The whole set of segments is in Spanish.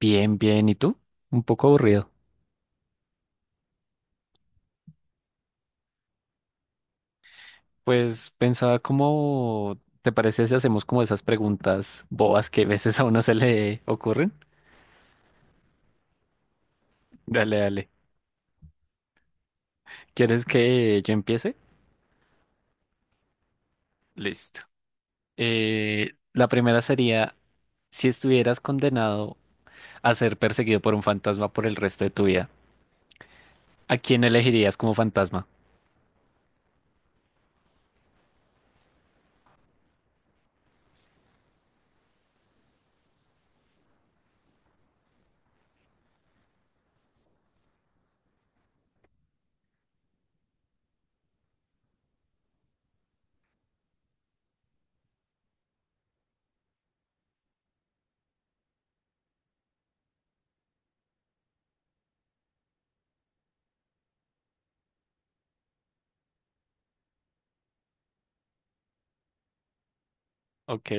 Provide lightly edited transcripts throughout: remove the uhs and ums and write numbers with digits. Bien, bien. ¿Y tú? Un poco aburrido. Pues pensaba, cómo te parece si hacemos como esas preguntas bobas que a veces a uno se le ocurren. Dale, dale. ¿Quieres que yo empiece? Listo. La primera sería, si estuvieras condenado a ser perseguido por un fantasma por el resto de tu vida, ¿a quién elegirías como fantasma? Ok.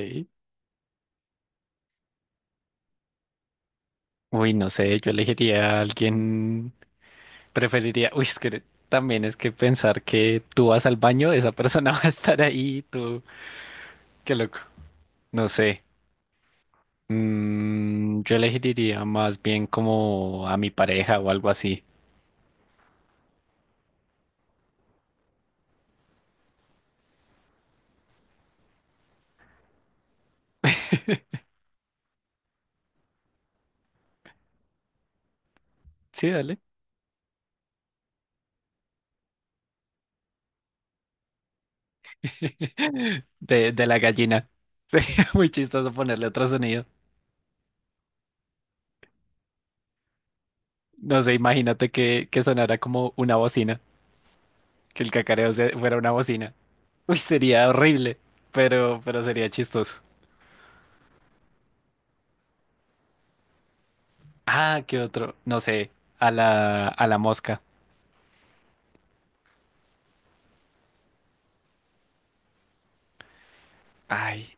Uy, no sé, yo elegiría a alguien. Preferiría, uy, es que también es que pensar que tú vas al baño, esa persona va a estar ahí, tú, qué loco. No sé. Mm, yo elegiría más bien como a mi pareja o algo así. Sí, dale. De la gallina. Sería muy chistoso ponerle otro sonido. No sé, imagínate que sonara como una bocina, que el fuera una bocina. Uy, sería horrible, pero sería chistoso. Ah, ¿qué otro? No sé, a la mosca. Ay,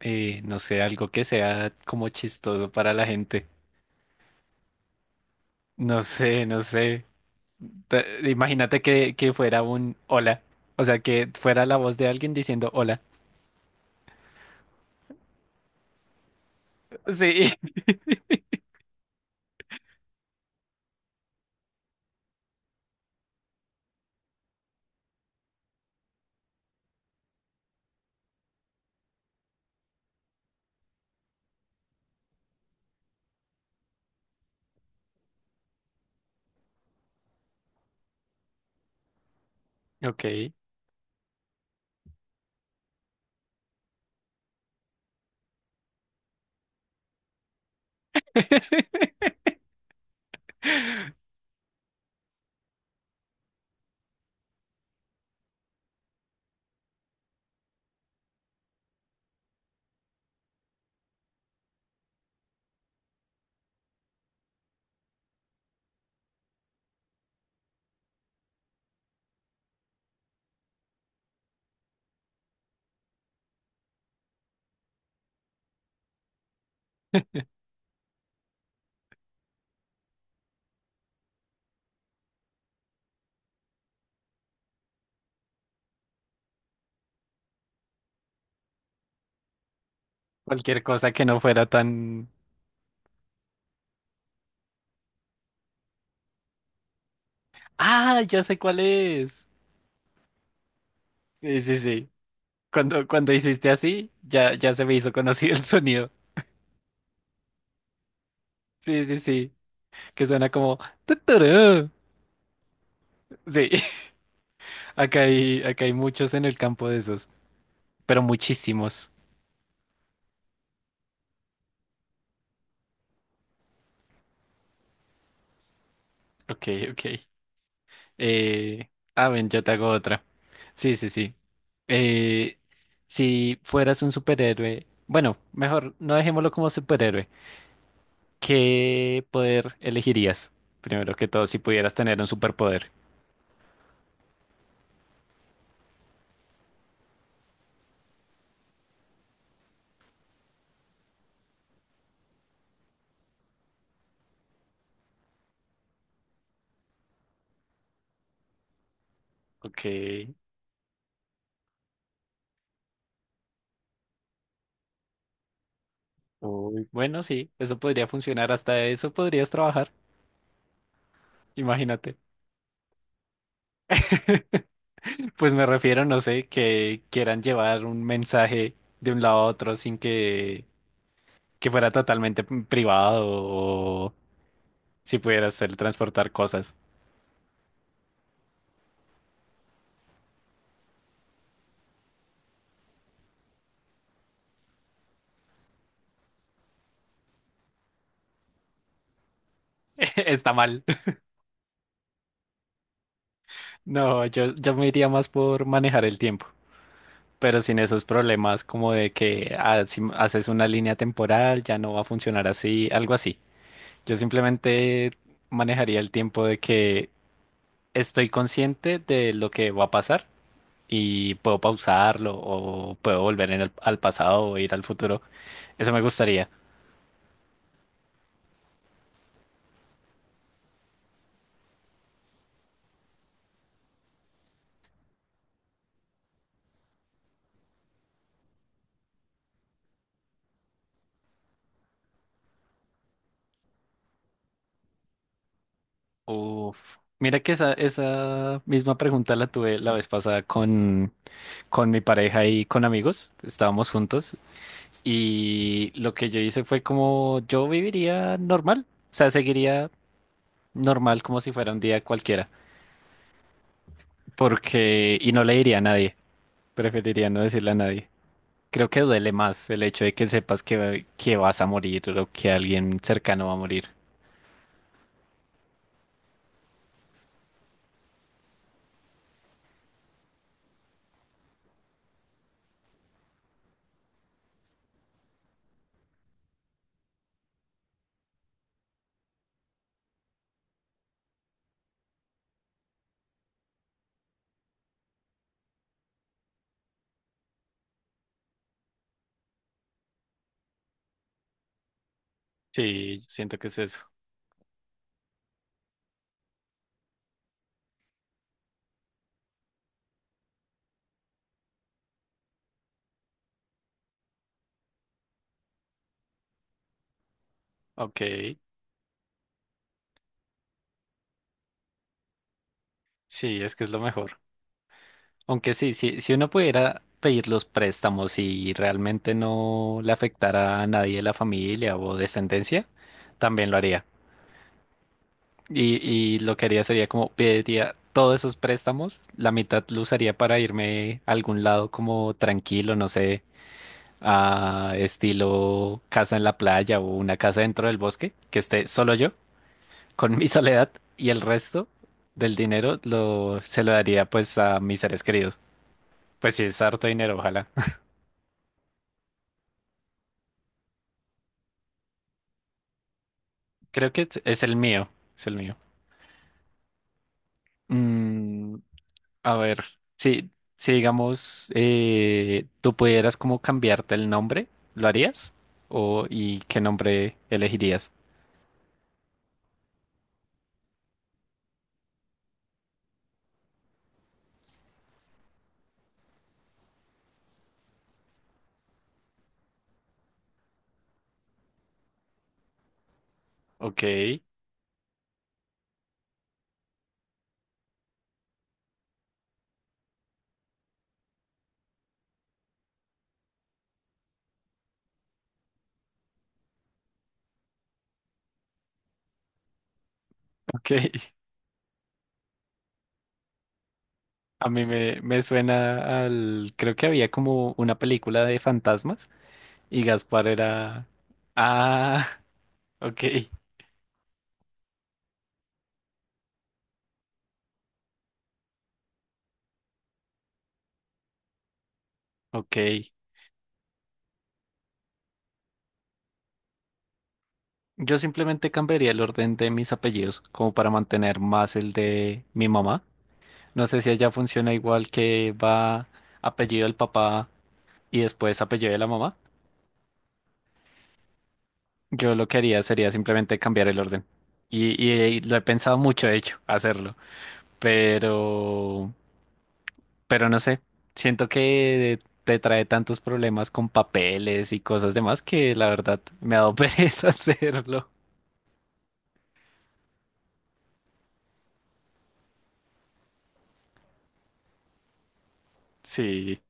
no sé, algo que sea como chistoso para la gente. No sé, no sé. Imagínate que fuera un hola. O sea, que fuera la voz de alguien diciendo hola. Sí. Ok. Cualquier cosa que no fuera tan... Ah, ya sé cuál es. Sí, sí, sí. Cuando, cuando hiciste así, ya, ya se me hizo conocido el sonido. Sí, sí, sí. Que suena como... "Tuturú". Sí. Acá hay muchos en el campo de esos, pero muchísimos. Ok, ok. Eh, ven, yo te hago otra. Sí, sí, sí. Eh, si fueras un superhéroe, bueno, mejor no dejémoslo como superhéroe. ¿Qué poder elegirías? Primero que todo, si pudieras tener un superpoder. Ok. Uy, bueno, sí, eso podría funcionar, hasta eso podrías trabajar, imagínate. Pues me refiero, no sé, que quieran llevar un mensaje de un lado a otro sin que fuera totalmente privado, o si pudieras teletransportar cosas. Está mal. No, yo me iría más por manejar el tiempo, pero sin esos problemas como de que ah, si haces una línea temporal ya no va a funcionar así, algo así. Yo simplemente manejaría el tiempo, de que estoy consciente de lo que va a pasar. Y puedo pausarlo, o puedo volver al pasado o ir al futuro. Eso me gustaría. Uf. Mira que esa misma pregunta la tuve la vez pasada con mi pareja y con amigos. Estábamos juntos y lo que yo hice fue como yo viviría normal, o sea, seguiría normal como si fuera un día cualquiera, porque y no le diría a nadie, preferiría no decirle a nadie. Creo que duele más el hecho de que sepas que vas a morir o que alguien cercano va a morir. Sí, siento que es eso. Ok, sí, es que es lo mejor. Aunque sí, sí, si uno pudiera pedir los préstamos y realmente no le afectara a nadie de la familia o descendencia, también lo haría. Y, y lo que haría sería como pediría todos esos préstamos, la mitad lo usaría para irme a algún lado como tranquilo, no sé, a estilo casa en la playa o una casa dentro del bosque, que esté solo yo, con mi soledad, y el resto del se lo daría pues a mis seres queridos. Pues sí, es harto dinero, ojalá. Creo que es el mío, es el mío. Mm, a ver, si, si, digamos, tú pudieras como cambiarte el nombre, ¿lo harías? O, ¿y qué nombre elegirías? Ok, ok. A mí me suena al... Creo que había como una película de fantasmas y Gaspar era... Ah, ok, ok. Yo simplemente cambiaría el orden de mis apellidos como para mantener más el de mi mamá. No sé si allá funciona igual, que va apellido del papá y después apellido de la mamá. Yo lo que haría sería simplemente cambiar el orden. Y, y- y lo he pensado mucho, de hecho, hacerlo. Pero, pero no sé. Siento que te trae tantos problemas con papeles y cosas demás que la verdad me ha dado pereza hacerlo. Sí,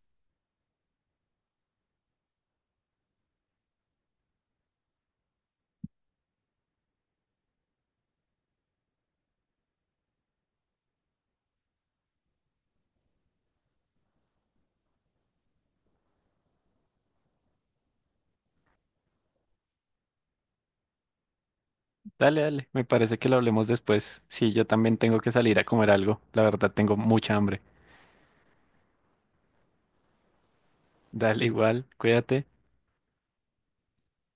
dale, dale. Me parece que lo hablemos después. Sí, yo también tengo que salir a comer algo. La verdad, tengo mucha hambre. Dale igual, cuídate.